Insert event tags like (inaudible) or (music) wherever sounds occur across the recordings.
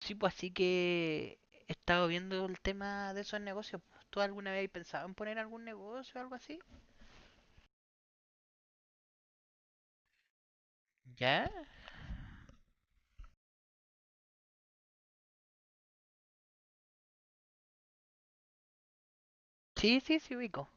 Sí, pues así que he estado viendo el tema de esos negocios, pues. ¿Tú alguna vez has pensado en poner algún negocio o algo así? ¿Ya? Sí, sí, sí, ubico.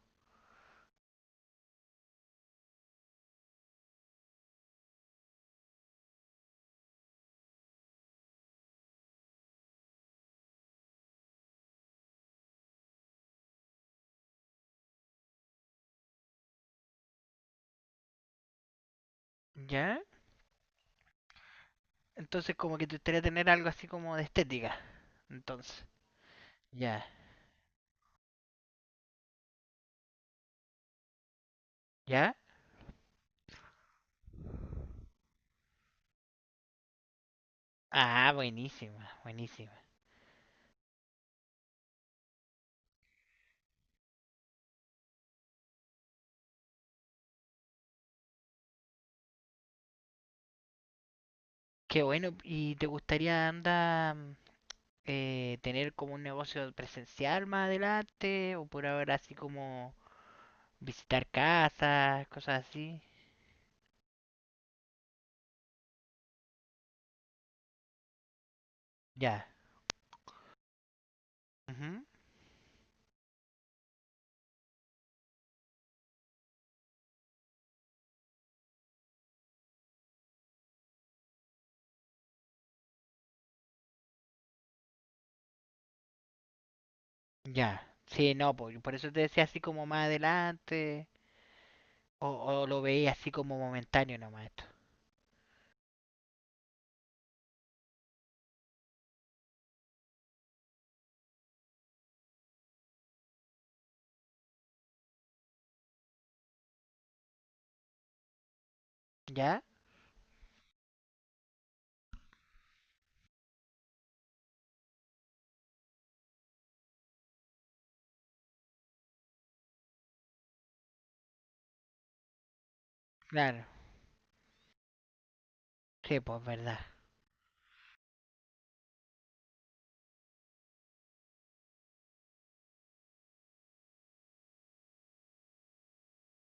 ¿Ya? Entonces como que te gustaría tener algo así como de estética. Entonces. Ya. ¿Ya? Ah, buenísima, buenísima. Qué bueno. ¿Y te gustaría andar tener como un negocio presencial más adelante? ¿O por ahora así como visitar casas, cosas así? Ya. Ujú. Ya, sí, no, po, por eso te decía así como más adelante, o lo veía así como momentáneo nomás esto. ¿Ya? Claro, sí, pues verdad.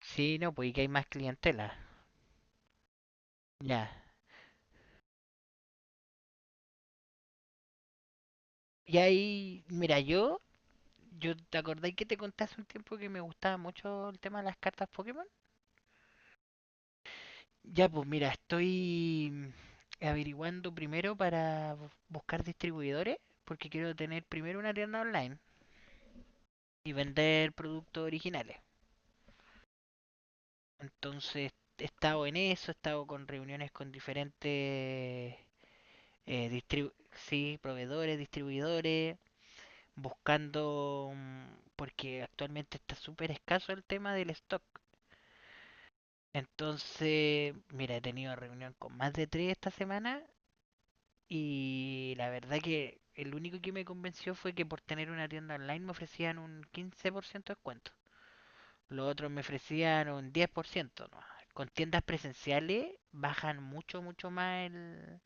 Sí, no, pues y que hay más clientela. Ya. Y ahí, mira, yo te acordáis que te conté hace un tiempo que me gustaba mucho el tema de las cartas Pokémon. Ya, pues mira, estoy averiguando primero para buscar distribuidores, porque quiero tener primero una tienda online y vender productos originales. Entonces he estado en eso, he estado con reuniones con diferentes sí, proveedores, distribuidores, buscando, porque actualmente está súper escaso el tema del stock. Entonces, mira, he tenido reunión con más de tres esta semana y la verdad que el único que me convenció fue que por tener una tienda online me ofrecían un 15% de descuento. Los otros me ofrecían un 10% nomás. Con tiendas presenciales bajan mucho, mucho más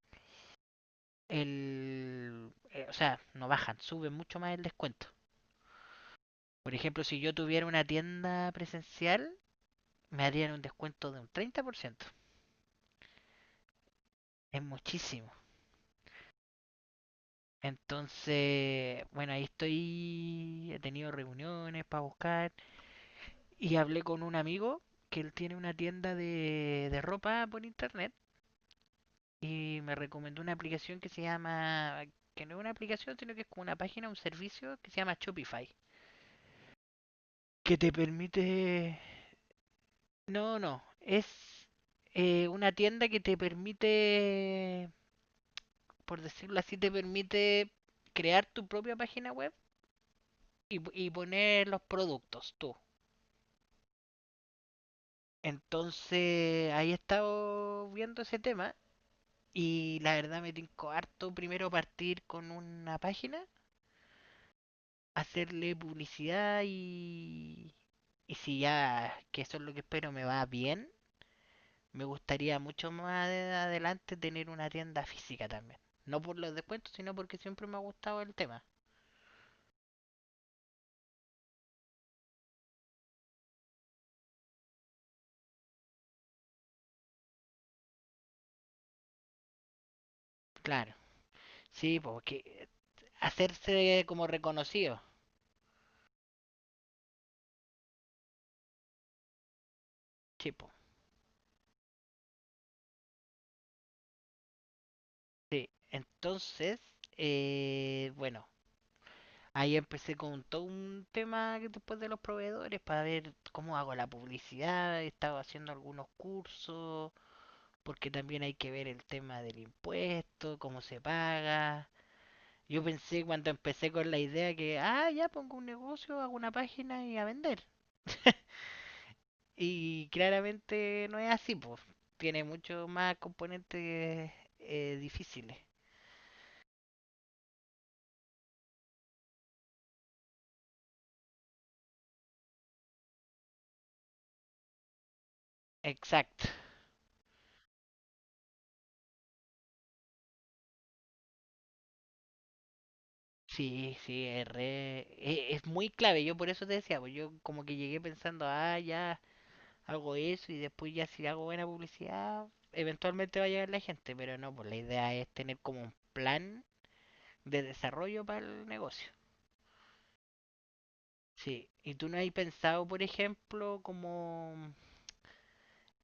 el o sea, no bajan, suben mucho más el descuento. Por ejemplo, si yo tuviera una tienda presencial, me harían un descuento de un 30%. Es muchísimo. Entonces, bueno, ahí estoy, he tenido reuniones para buscar y hablé con un amigo que él tiene una tienda de ropa por internet y me recomendó una aplicación que se llama, que no es una aplicación, sino que es como una página, un servicio que se llama Shopify, que te permite, no, no, es una tienda que te permite, por decirlo así, te permite crear tu propia página web y poner los productos tú. Entonces, ahí he estado viendo ese tema y la verdad me tincó harto primero partir con una página, hacerle publicidad y si ya, que eso es lo que espero, me va bien, me gustaría mucho más adelante tener una tienda física también. No por los descuentos, sino porque siempre me ha gustado el tema. Claro, sí, porque hacerse como reconocido, tipo. Sí, entonces, bueno, ahí empecé con todo un tema después de los proveedores para ver cómo hago la publicidad, he estado haciendo algunos cursos porque también hay que ver el tema del impuesto, cómo se paga. Yo pensé cuando empecé con la idea que, ah, ya pongo un negocio, hago una página y a vender. (laughs) Y claramente no es así, pues. Tiene mucho más componentes difíciles. Exacto. Sí, sí, es, es muy clave. Yo por eso te decía, pues yo como que llegué pensando, ah, ya hago eso y después ya si hago buena publicidad, eventualmente va a llegar la gente, pero no, pues la idea es tener como un plan de desarrollo para el negocio. Sí, ¿y tú no has pensado, por ejemplo, como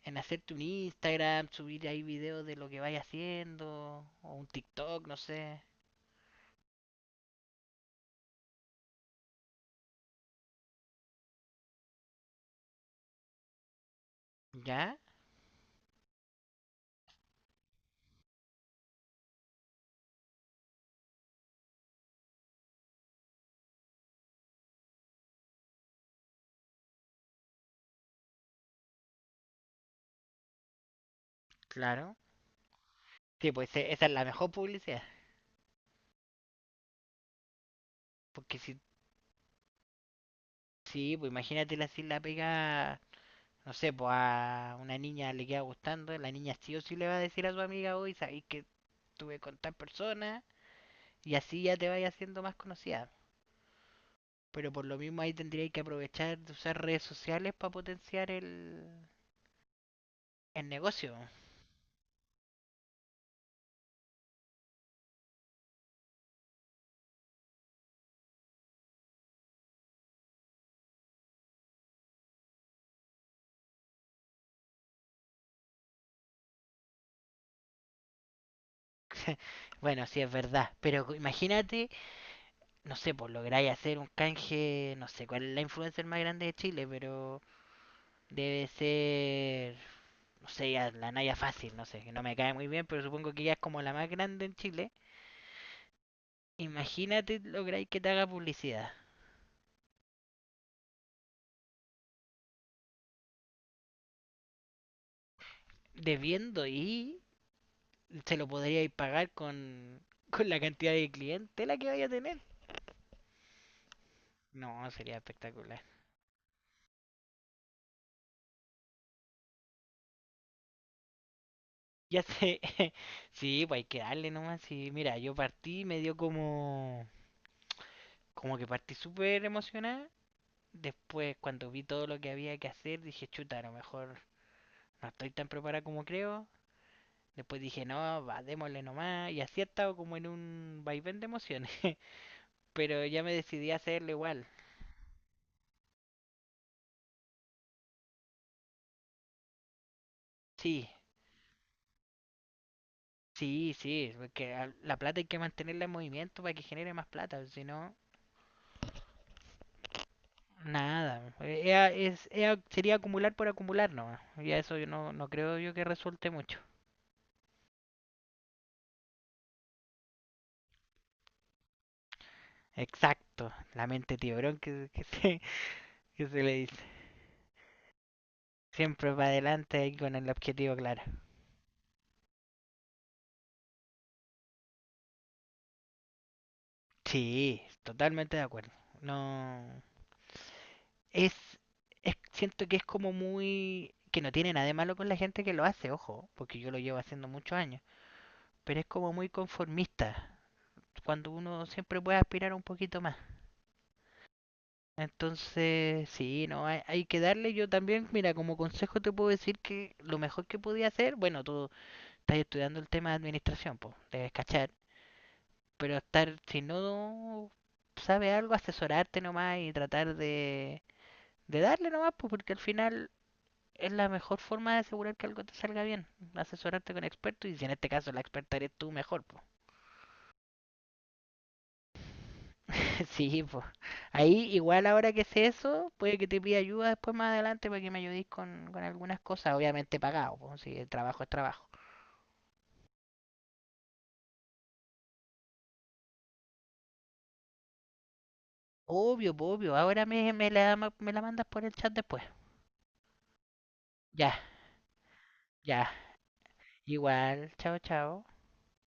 en hacerte un Instagram, subir ahí videos de lo que vayas haciendo, o un TikTok, no sé? ¿Ya? Claro. Sí, pues esa es la mejor publicidad, porque si, sí, pues imagínate si la pega, no sé, pues a una niña le queda gustando, la niña sí o sí le va a decir a su amiga hoy, sabéis que estuve con tal persona y así ya te vayas haciendo más conocida. Pero por lo mismo ahí tendríais que aprovechar de usar redes sociales para potenciar el negocio. (laughs) Bueno, sí es verdad, pero imagínate, no sé, pues lográis hacer un canje, no sé cuál es la influencer más grande de Chile, pero debe ser, no sé, ya la Naya Fácil, no sé, que no me cae muy bien, pero supongo que ya es como la más grande en Chile. Imagínate lográis que te haga publicidad, debiendo y se lo podríais pagar con, (laughs) con la cantidad de clientela que vaya a tener. No, sería espectacular. Ya sé, (laughs) sí, pues hay que darle nomás. Sí, mira, yo partí, me dio como, como que partí súper emocionada. Después, cuando vi todo lo que había que hacer, dije, chuta, a lo mejor no estoy tan preparada como creo. Después dije, no, va, démosle nomás. Y así he estado como en un vaivén de emociones. (laughs) Pero ya me decidí a hacerlo igual. Sí, sí, sí, porque la plata hay que mantenerla en movimiento para que genere más plata, si no, nada. Es, sería acumular por acumular nomás. Y a eso yo no, no creo yo que resulte mucho. Exacto, la mente tiburón que se, (laughs) que se le dice. Siempre para adelante y con el objetivo claro. Sí, totalmente de acuerdo. No. Es, es. Siento que es como muy. Que no tiene nada de malo con la gente que lo hace, ojo, porque yo lo llevo haciendo muchos años. Pero es como muy conformista, cuando uno siempre puede aspirar un poquito más. Entonces, sí, no, hay que darle. Yo también, mira, como consejo te puedo decir que lo mejor que podía hacer, bueno, tú estás estudiando el tema de administración, pues, debes cachar, pero estar, si no sabes algo, asesorarte nomás y tratar de darle nomás, pues, porque al final es la mejor forma de asegurar que algo te salga bien, asesorarte con expertos y si en este caso la experta eres tú, mejor, pues. (laughs) Sí, pues. Ahí igual ahora que sé eso, puede que te pida ayuda después más adelante para que me ayudéis con algunas cosas, obviamente pagado, pues, si el trabajo es trabajo. Obvio, po, obvio. Ahora me, me la, me la mandas por el chat después. Ya, ya. Igual. Chao, chao.